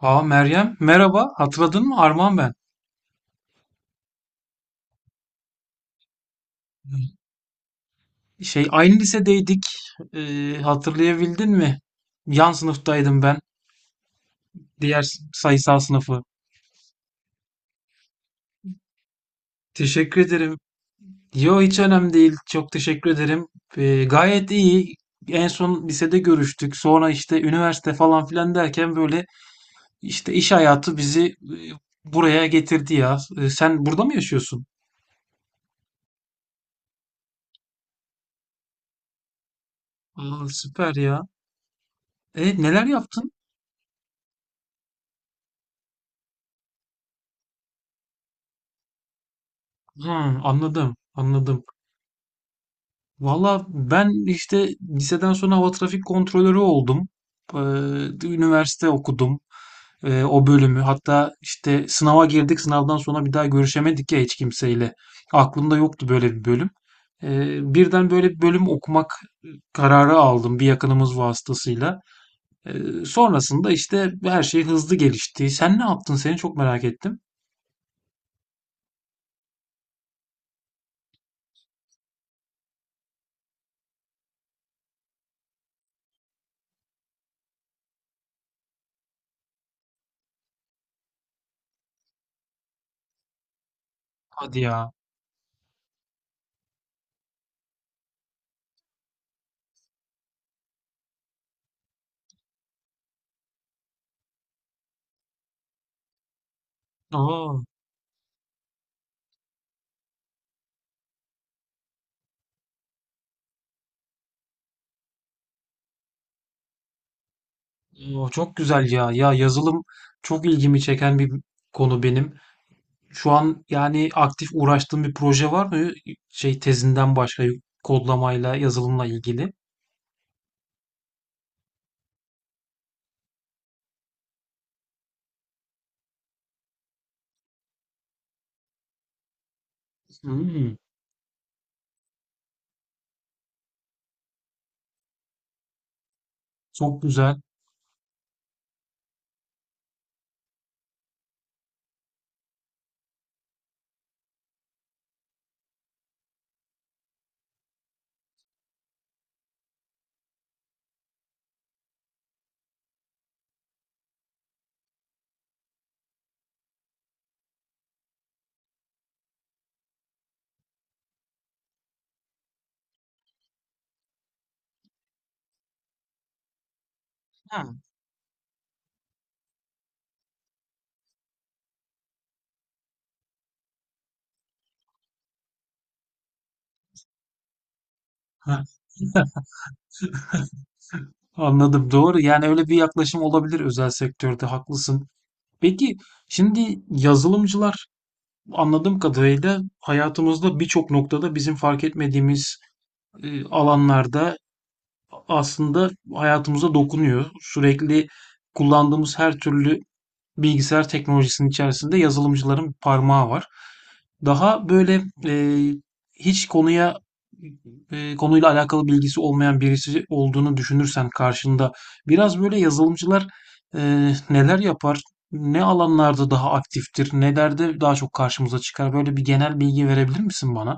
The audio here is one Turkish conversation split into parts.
Meryem merhaba, hatırladın mı, Arman ben. Aynı lisedeydik. Hatırlayabildin mi? Yan sınıftaydım ben, diğer sayısal sınıfı. Teşekkür ederim. Yo, hiç önemli değil, çok teşekkür ederim. Gayet iyi, en son lisede görüştük, sonra işte üniversite falan filan derken böyle işte iş hayatı bizi buraya getirdi ya. Sen burada mı yaşıyorsun? Süper ya. E neler yaptın? Hı, anladım. Valla ben işte liseden sonra hava trafik kontrolörü oldum. Ee, üniversite okudum. O bölümü. Hatta işte sınava girdik. Sınavdan sonra bir daha görüşemedik ya hiç kimseyle. Aklımda yoktu böyle bir bölüm. Birden böyle bir bölüm okumak kararı aldım, bir yakınımız vasıtasıyla. Sonrasında işte her şey hızlı gelişti. Sen ne yaptın? Seni çok merak ettim. Hadi ya. Aa, çok güzel ya. Ya yazılım çok ilgimi çeken bir konu benim. Şu an yani aktif uğraştığım bir proje var mı? Şey, tezinden başka, kodlamayla, yazılımla ilgili. Hmm, çok güzel. Ha. Anladım, doğru. Yani öyle bir yaklaşım olabilir özel sektörde, haklısın. Peki, şimdi yazılımcılar, anladığım kadarıyla, hayatımızda birçok noktada bizim fark etmediğimiz alanlarda aslında hayatımıza dokunuyor. Sürekli kullandığımız her türlü bilgisayar teknolojisinin içerisinde yazılımcıların parmağı var. Daha böyle, e, hiç konuya, konuyla alakalı bilgisi olmayan birisi olduğunu düşünürsen karşında, biraz böyle yazılımcılar e, neler yapar, ne alanlarda daha aktiftir, nelerde daha çok karşımıza çıkar? Böyle bir genel bilgi verebilir misin bana?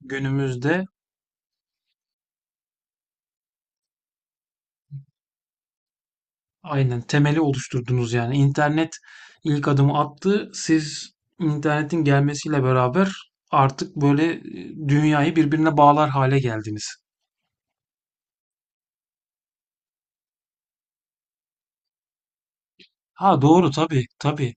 Günümüzde aynen temeli oluşturdunuz yani. İnternet ilk adımı attı. Siz internetin gelmesiyle beraber artık böyle dünyayı birbirine bağlar hale geldiniz. Ha, doğru, tabii tabii.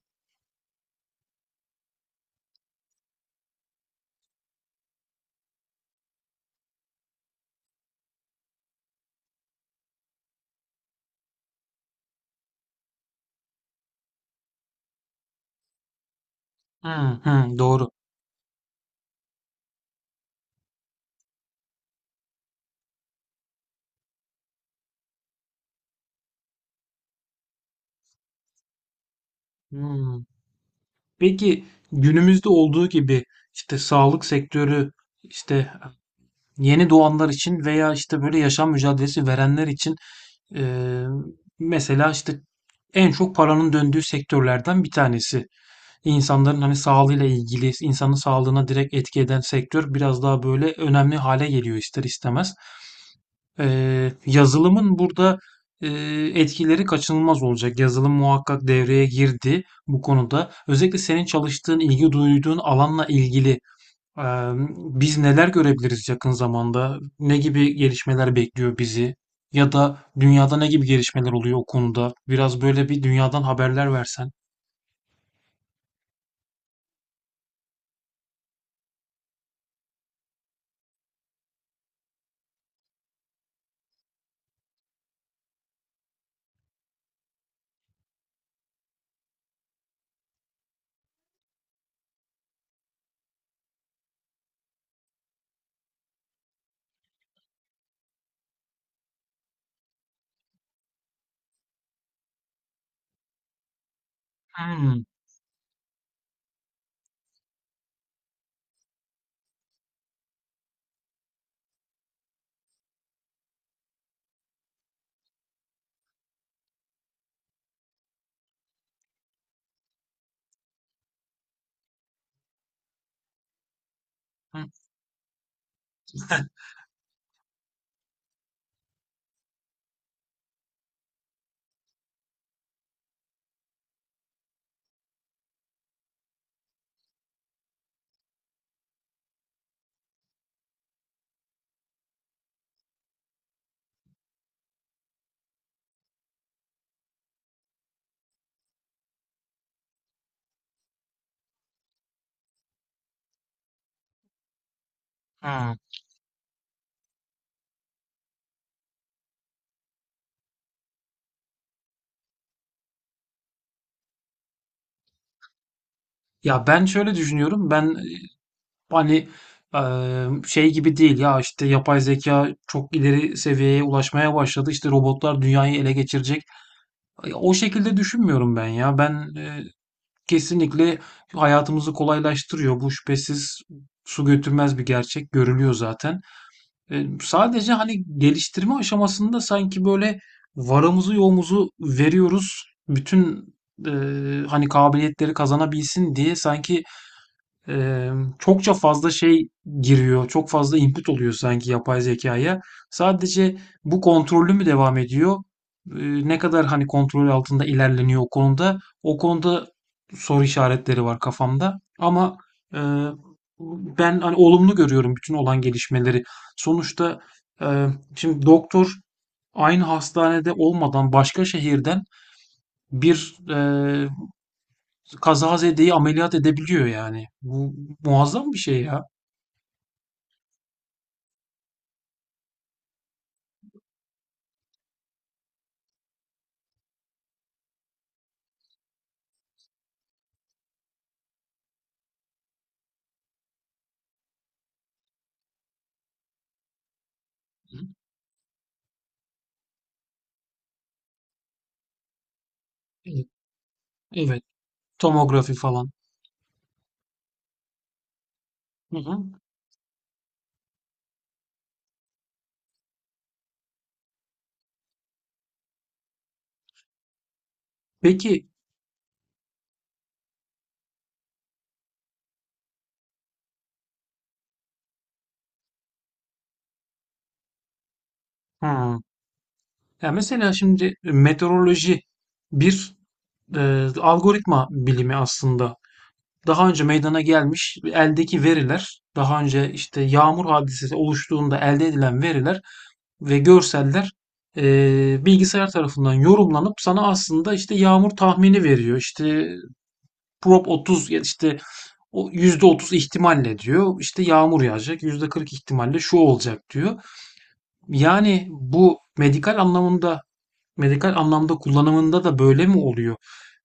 Hı hı, doğru. Hmm. Peki, günümüzde olduğu gibi işte sağlık sektörü, işte yeni doğanlar için veya işte böyle yaşam mücadelesi verenler için, eee, mesela işte en çok paranın döndüğü sektörlerden bir tanesi. İnsanların hani sağlığıyla ilgili, insanın sağlığına direkt etki eden sektör biraz daha böyle önemli hale geliyor ister istemez. Yazılımın burada etkileri kaçınılmaz olacak. Yazılım muhakkak devreye girdi bu konuda. Özellikle senin çalıştığın, ilgi duyduğun alanla ilgili. Eee, Biz neler görebiliriz yakın zamanda? Ne gibi gelişmeler bekliyor bizi? Ya da dünyada ne gibi gelişmeler oluyor o konuda? Biraz böyle bir dünyadan haberler versen. Hmm, hı, hı. Ya ben şöyle düşünüyorum. Ben hani, e, şey gibi değil ya işte yapay zeka çok ileri seviyeye ulaşmaya başladı. İşte robotlar dünyayı ele geçirecek. O şekilde düşünmüyorum ben ya. Ben kesinlikle hayatımızı kolaylaştırıyor. Bu şüphesiz su götürmez bir gerçek. Görülüyor zaten. Sadece, hani, geliştirme aşamasında sanki, böyle, varımızı yoğumuzu veriyoruz. Bütün, hani, kabiliyetleri kazanabilsin diye sanki Eee, çokça fazla şey giriyor, çok fazla input oluyor sanki yapay zekaya. Sadece bu kontrollü mü devam ediyor? Ne kadar hani kontrol altında ilerleniyor o konuda? O konuda soru işaretleri var kafamda. Ama eee, ben hani olumlu görüyorum bütün olan gelişmeleri. Sonuçta eee, şimdi doktor aynı hastanede olmadan başka şehirden bir kazazedeyi ameliyat edebiliyor yani. Bu muazzam bir şey ya. Hı. Evet, evet. Tomografi falan. Hı hı. Peki, hı. Ya mesela şimdi meteoroloji bir e, algoritma bilimi aslında. Daha önce meydana gelmiş eldeki veriler, daha önce işte yağmur hadisesi oluştuğunda elde edilen veriler ve görseller e, bilgisayar tarafından yorumlanıp sana aslında işte yağmur tahmini veriyor. İşte prop 30 ya, işte o %30 ihtimalle diyor. İşte yağmur yağacak, %40 ihtimalle şu olacak diyor. Yani bu medikal anlamında, medikal anlamda kullanımında da böyle mi oluyor?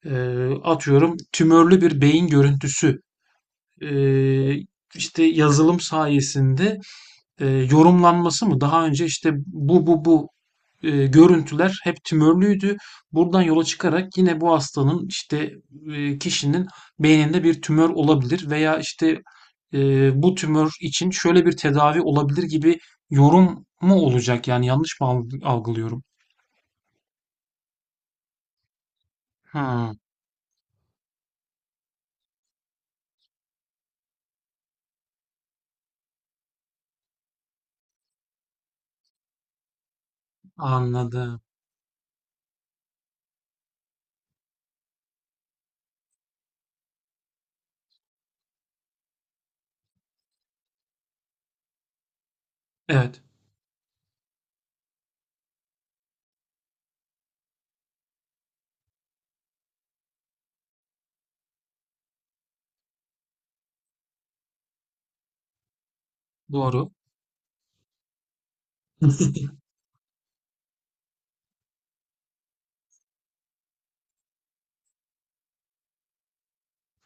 Atıyorum, tümörlü bir beyin görüntüsü, ee, işte yazılım sayesinde yorumlanması mı? Daha önce işte bu görüntüler hep tümörlüydü. Buradan yola çıkarak yine bu hastanın, işte kişinin beyninde bir tümör olabilir veya işte bu tümör için şöyle bir tedavi olabilir gibi yorum mu olacak? Yani yanlış mı algılıyorum? Hmm, anladım. Evet, doğru.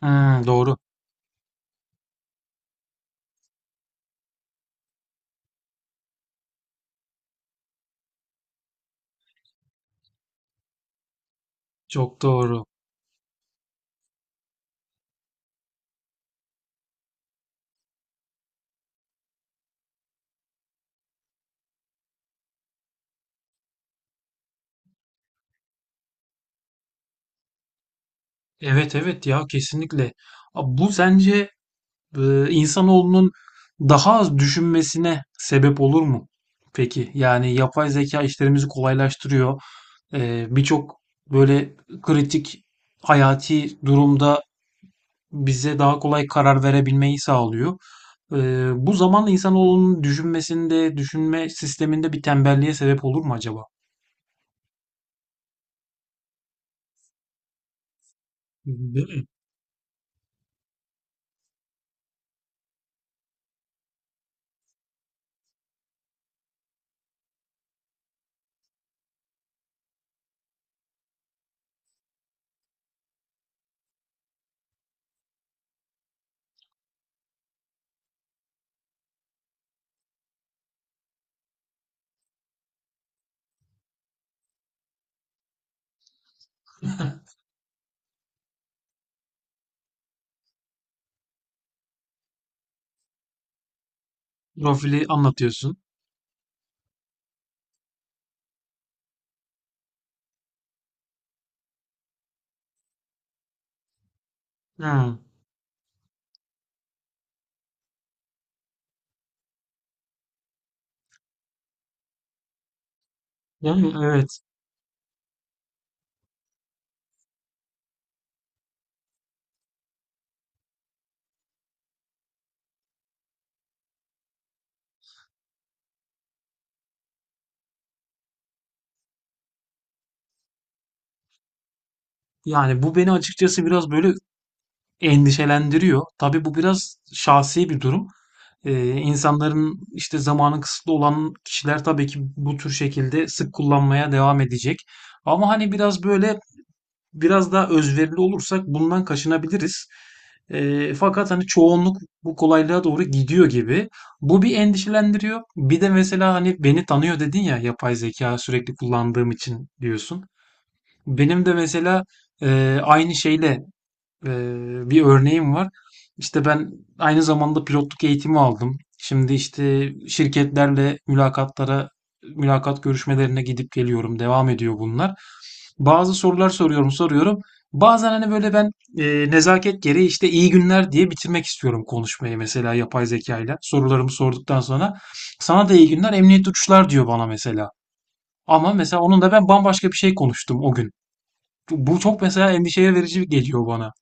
Hmm, doğru. Çok doğru. Evet evet ya, kesinlikle. Abi, bu sence insanoğlunun daha az düşünmesine sebep olur mu peki? Yani yapay zeka işlerimizi kolaylaştırıyor. Birçok böyle kritik, hayati durumda bize daha kolay karar verebilmeyi sağlıyor. Bu zamanla insanoğlunun düşünmesinde, düşünme sisteminde bir tembelliğe sebep olur mu acaba? Değil mi? Profili anlatıyorsun. Hıı. Yani evet. Yani bu beni açıkçası biraz böyle endişelendiriyor. Tabii bu biraz şahsi bir durum. İnsanların işte zamanı kısıtlı olan kişiler tabii ki bu tür şekilde sık kullanmaya devam edecek. Ama hani biraz böyle biraz daha özverili olursak bundan kaçınabiliriz. Fakat hani çoğunluk bu kolaylığa doğru gidiyor gibi. Bu bir endişelendiriyor. Bir de mesela hani beni tanıyor dedin ya yapay zeka sürekli kullandığım için, diyorsun. Benim de mesela aynı şeyle Eee, bir örneğim var. İşte ben aynı zamanda pilotluk eğitimi aldım. Şimdi işte şirketlerle mülakatlara, mülakat görüşmelerine gidip geliyorum. Devam ediyor bunlar. Bazı sorular soruyorum. Bazen hani böyle ben nezaket gereği işte iyi günler diye bitirmek istiyorum konuşmayı, mesela yapay zekayla. Sorularımı sorduktan sonra sana da iyi günler, emniyet uçuşlar diyor bana mesela. Ama mesela onun da ben bambaşka bir şey konuştum o gün. Bu çok mesela endişe verici geliyor bana.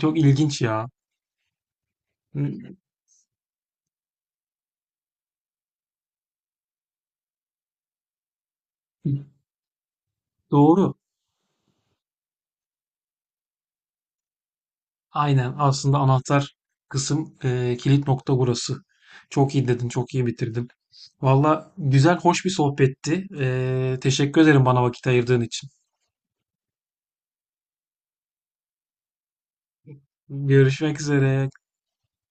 Çok ilginç ya. Hmm, doğru. Aynen. Aslında anahtar kısım, kilit nokta burası. Çok iyi dedin, çok iyi bitirdin. Valla güzel, hoş bir sohbetti. E, teşekkür ederim bana vakit ayırdığın için. Görüşmek üzere.